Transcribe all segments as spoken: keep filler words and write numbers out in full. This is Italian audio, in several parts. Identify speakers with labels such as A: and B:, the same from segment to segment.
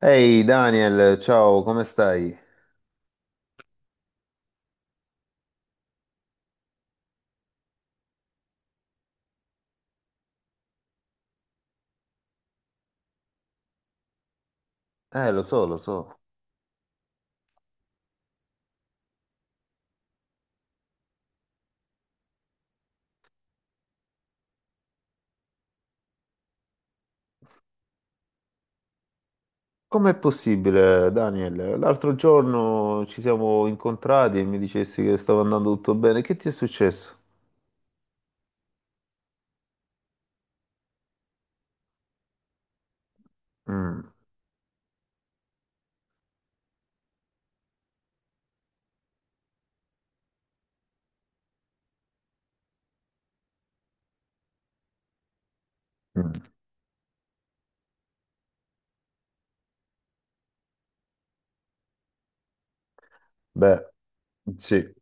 A: Ehi Daniel, ciao, come stai? Eh, lo so, lo so. Com'è possibile, Daniel? L'altro giorno ci siamo incontrati e mi dicesti che stava andando tutto bene. Che ti è successo? Mm, mm, beh, sì.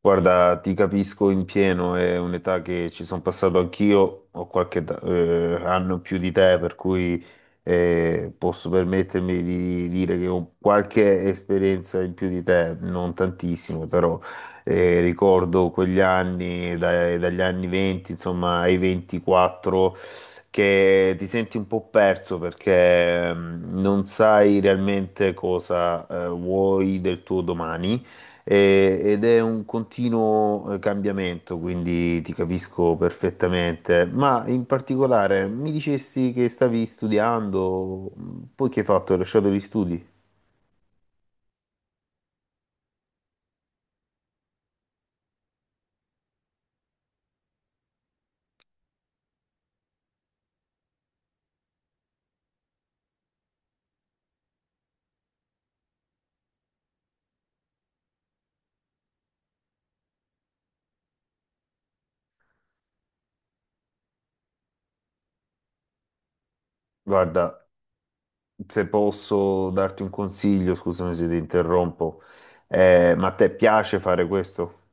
A: Guarda, ti capisco in pieno, è un'età che ci sono passato anch'io, ho qualche età- eh, anno in più di te, per cui eh, posso permettermi di dire che ho qualche esperienza in più di te, non tantissimo, però eh, ricordo quegli anni, dai- dagli anni venti, insomma, ai ventiquattro, che ti senti un po' perso perché mm, non sai realmente cosa eh, vuoi del tuo domani e- ed è un continuo eh, cambiamento, quindi ti capisco perfettamente. Ma in particolare mi dicesti che stavi studiando, poi che hai fatto? Hai lasciato gli studi? Guarda, se posso darti un consiglio, scusami se ti interrompo, eh, ma a te piace fare questo?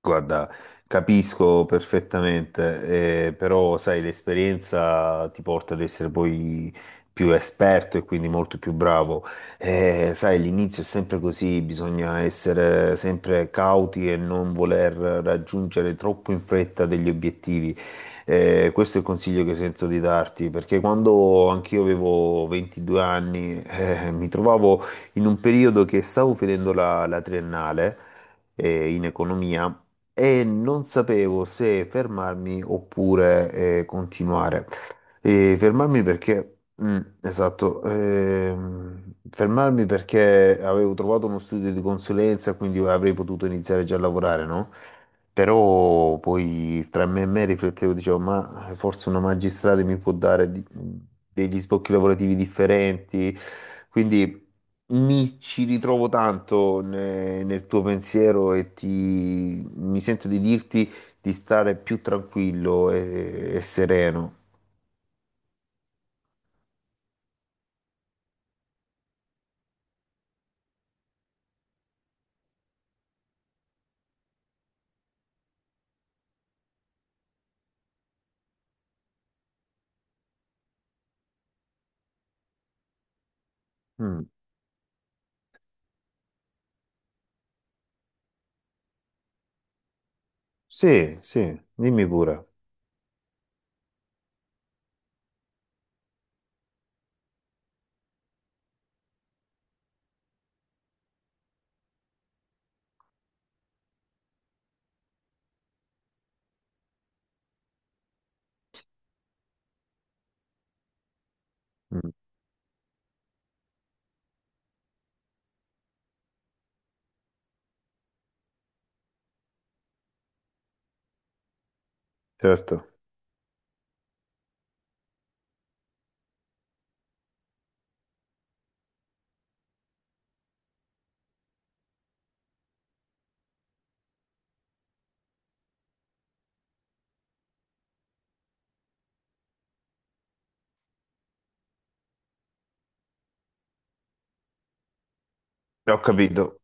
A: Guarda, capisco perfettamente, eh, però sai, l'esperienza ti porta ad essere poi più esperto e quindi molto più bravo. Eh, sai, l'inizio è sempre così, bisogna essere sempre cauti e non voler raggiungere troppo in fretta degli obiettivi. Eh, questo è il consiglio che sento di darti, perché quando anch'io avevo ventidue anni, eh, mi trovavo in un periodo che stavo finendo la la triennale eh, in economia, e non sapevo se fermarmi oppure eh, continuare. E fermarmi perché, mm, esatto, ehm, fermarmi perché avevo trovato uno studio di consulenza, quindi avrei potuto iniziare già a lavorare, no? Però poi tra me e me riflettevo, dicevo, ma forse una magistrale mi può dare di- degli sbocchi lavorativi differenti. Quindi mi ci ritrovo tanto ne- nel tuo pensiero e ti, mi sento di dirti di stare più tranquillo e, e sereno. Mm. Sì, sì, dimmi pure. Mm, certo, ho capito.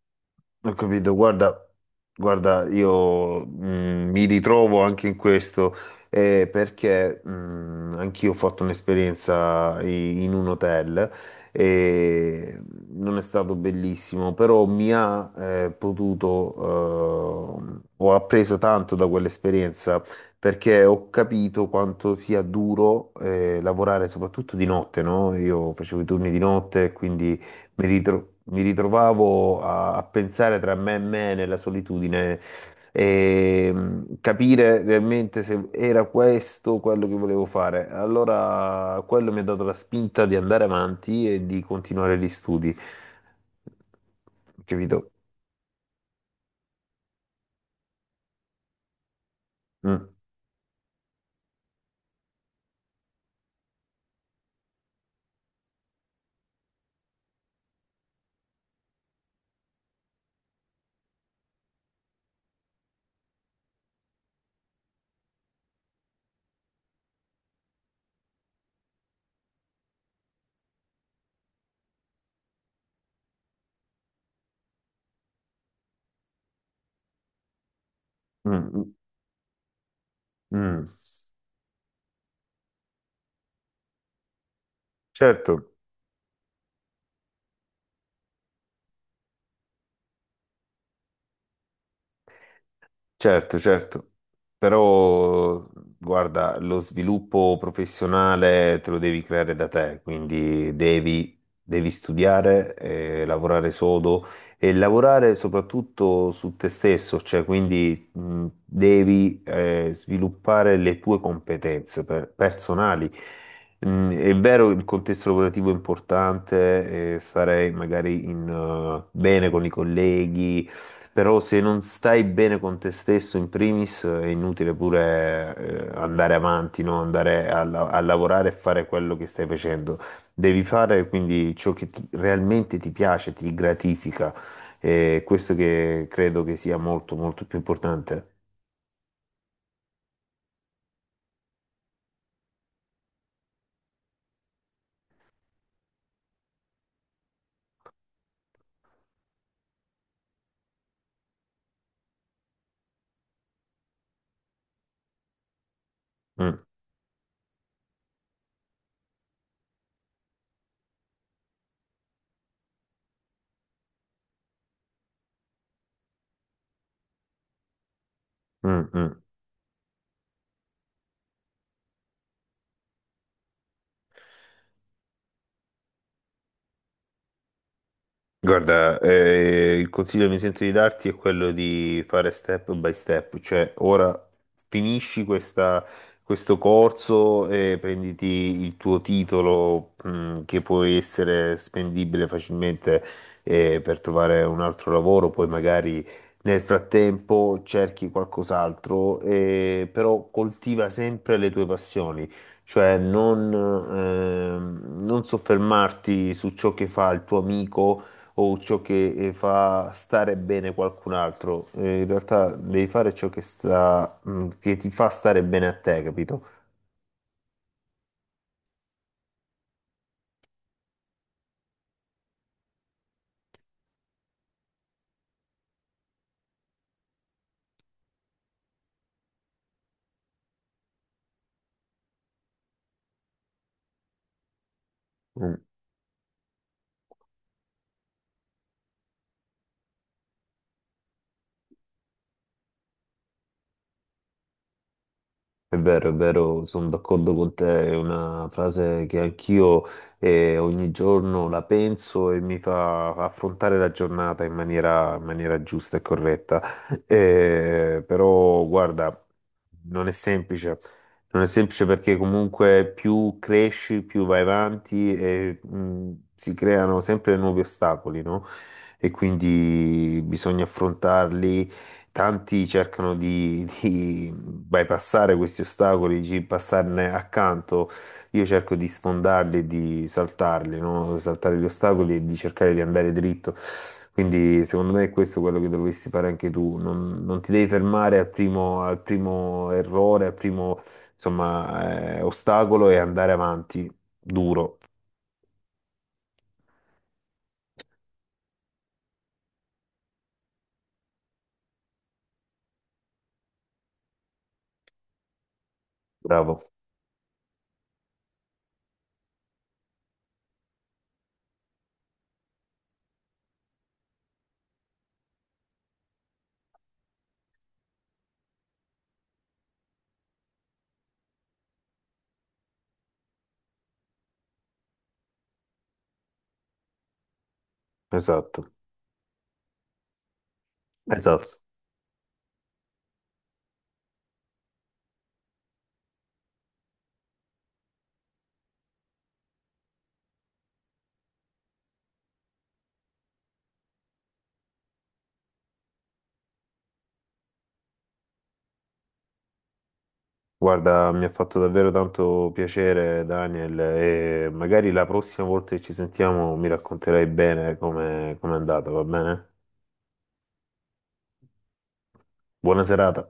A: Ho capito, guarda, guarda, io mh, mi ritrovo anche in questo eh, perché mh, anch'io ho fatto un'esperienza i- in un hotel e non è stato bellissimo, però mi ha eh, potuto, eh, ho appreso tanto da quell'esperienza perché ho capito quanto sia duro eh, lavorare soprattutto di notte, no? Io facevo i turni di notte, quindi mi ritro- mi ritrovavo a, a pensare tra me e me nella solitudine e mh, capire realmente se era questo quello che volevo fare. Allora, quello mi ha dato la spinta di andare avanti e di continuare gli studi. Capito? Mm, mm, mm, mm. Certo. Certo, certo, però guarda, lo sviluppo professionale te lo devi creare da te, quindi devi, devi studiare, eh, lavorare sodo e lavorare soprattutto su te stesso, cioè quindi mh, devi eh, sviluppare le tue competenze per- personali. Mm, è vero, il contesto lavorativo è importante, eh, stare magari in, eh, bene con i colleghi però se non stai bene con te stesso in primis è inutile pure eh, andare avanti, no? Andare a, la- a lavorare e fare quello che stai facendo. Devi fare quindi ciò che ti- realmente ti piace, ti gratifica. E questo che credo che sia molto molto più importante. Mm, mm, mm. Guarda, eh, il consiglio che mi sento di darti è quello di fare step by step, cioè ora finisci questa- questo corso e prenditi il tuo titolo, mh, che può essere spendibile facilmente, eh, per trovare un altro lavoro, poi magari nel frattempo cerchi qualcos'altro, eh, però coltiva sempre le tue passioni. Cioè non, ehm, non soffermarti su ciò che fa il tuo amico, o ciò che eh, fa stare bene qualcun altro. Eh, in realtà devi fare ciò che sta, mm, che ti fa stare bene a te, capito? Mm. È vero, è vero, sono d'accordo con te, è una frase che anch'io eh, ogni giorno la penso e mi fa affrontare la giornata in maniera, in maniera giusta e corretta. Eh, però, guarda, non è semplice, non è semplice perché comunque più cresci, più vai avanti e mh, si creano sempre nuovi ostacoli, no? E quindi bisogna affrontarli. Tanti cercano di, di bypassare questi ostacoli, di passarne accanto. Io cerco di sfondarli, e di saltarli, no? Saltare gli ostacoli e di cercare di andare dritto. Quindi, secondo me, è questo quello che dovresti fare anche tu. Non, non ti devi fermare al primo, al primo errore, al primo, insomma, eh, ostacolo e andare avanti duro. Bravo, esatto, esatto. Guarda, mi ha fatto davvero tanto piacere, Daniel, e magari la prossima volta che ci sentiamo mi racconterai bene come come è andata, va bene? Buona serata.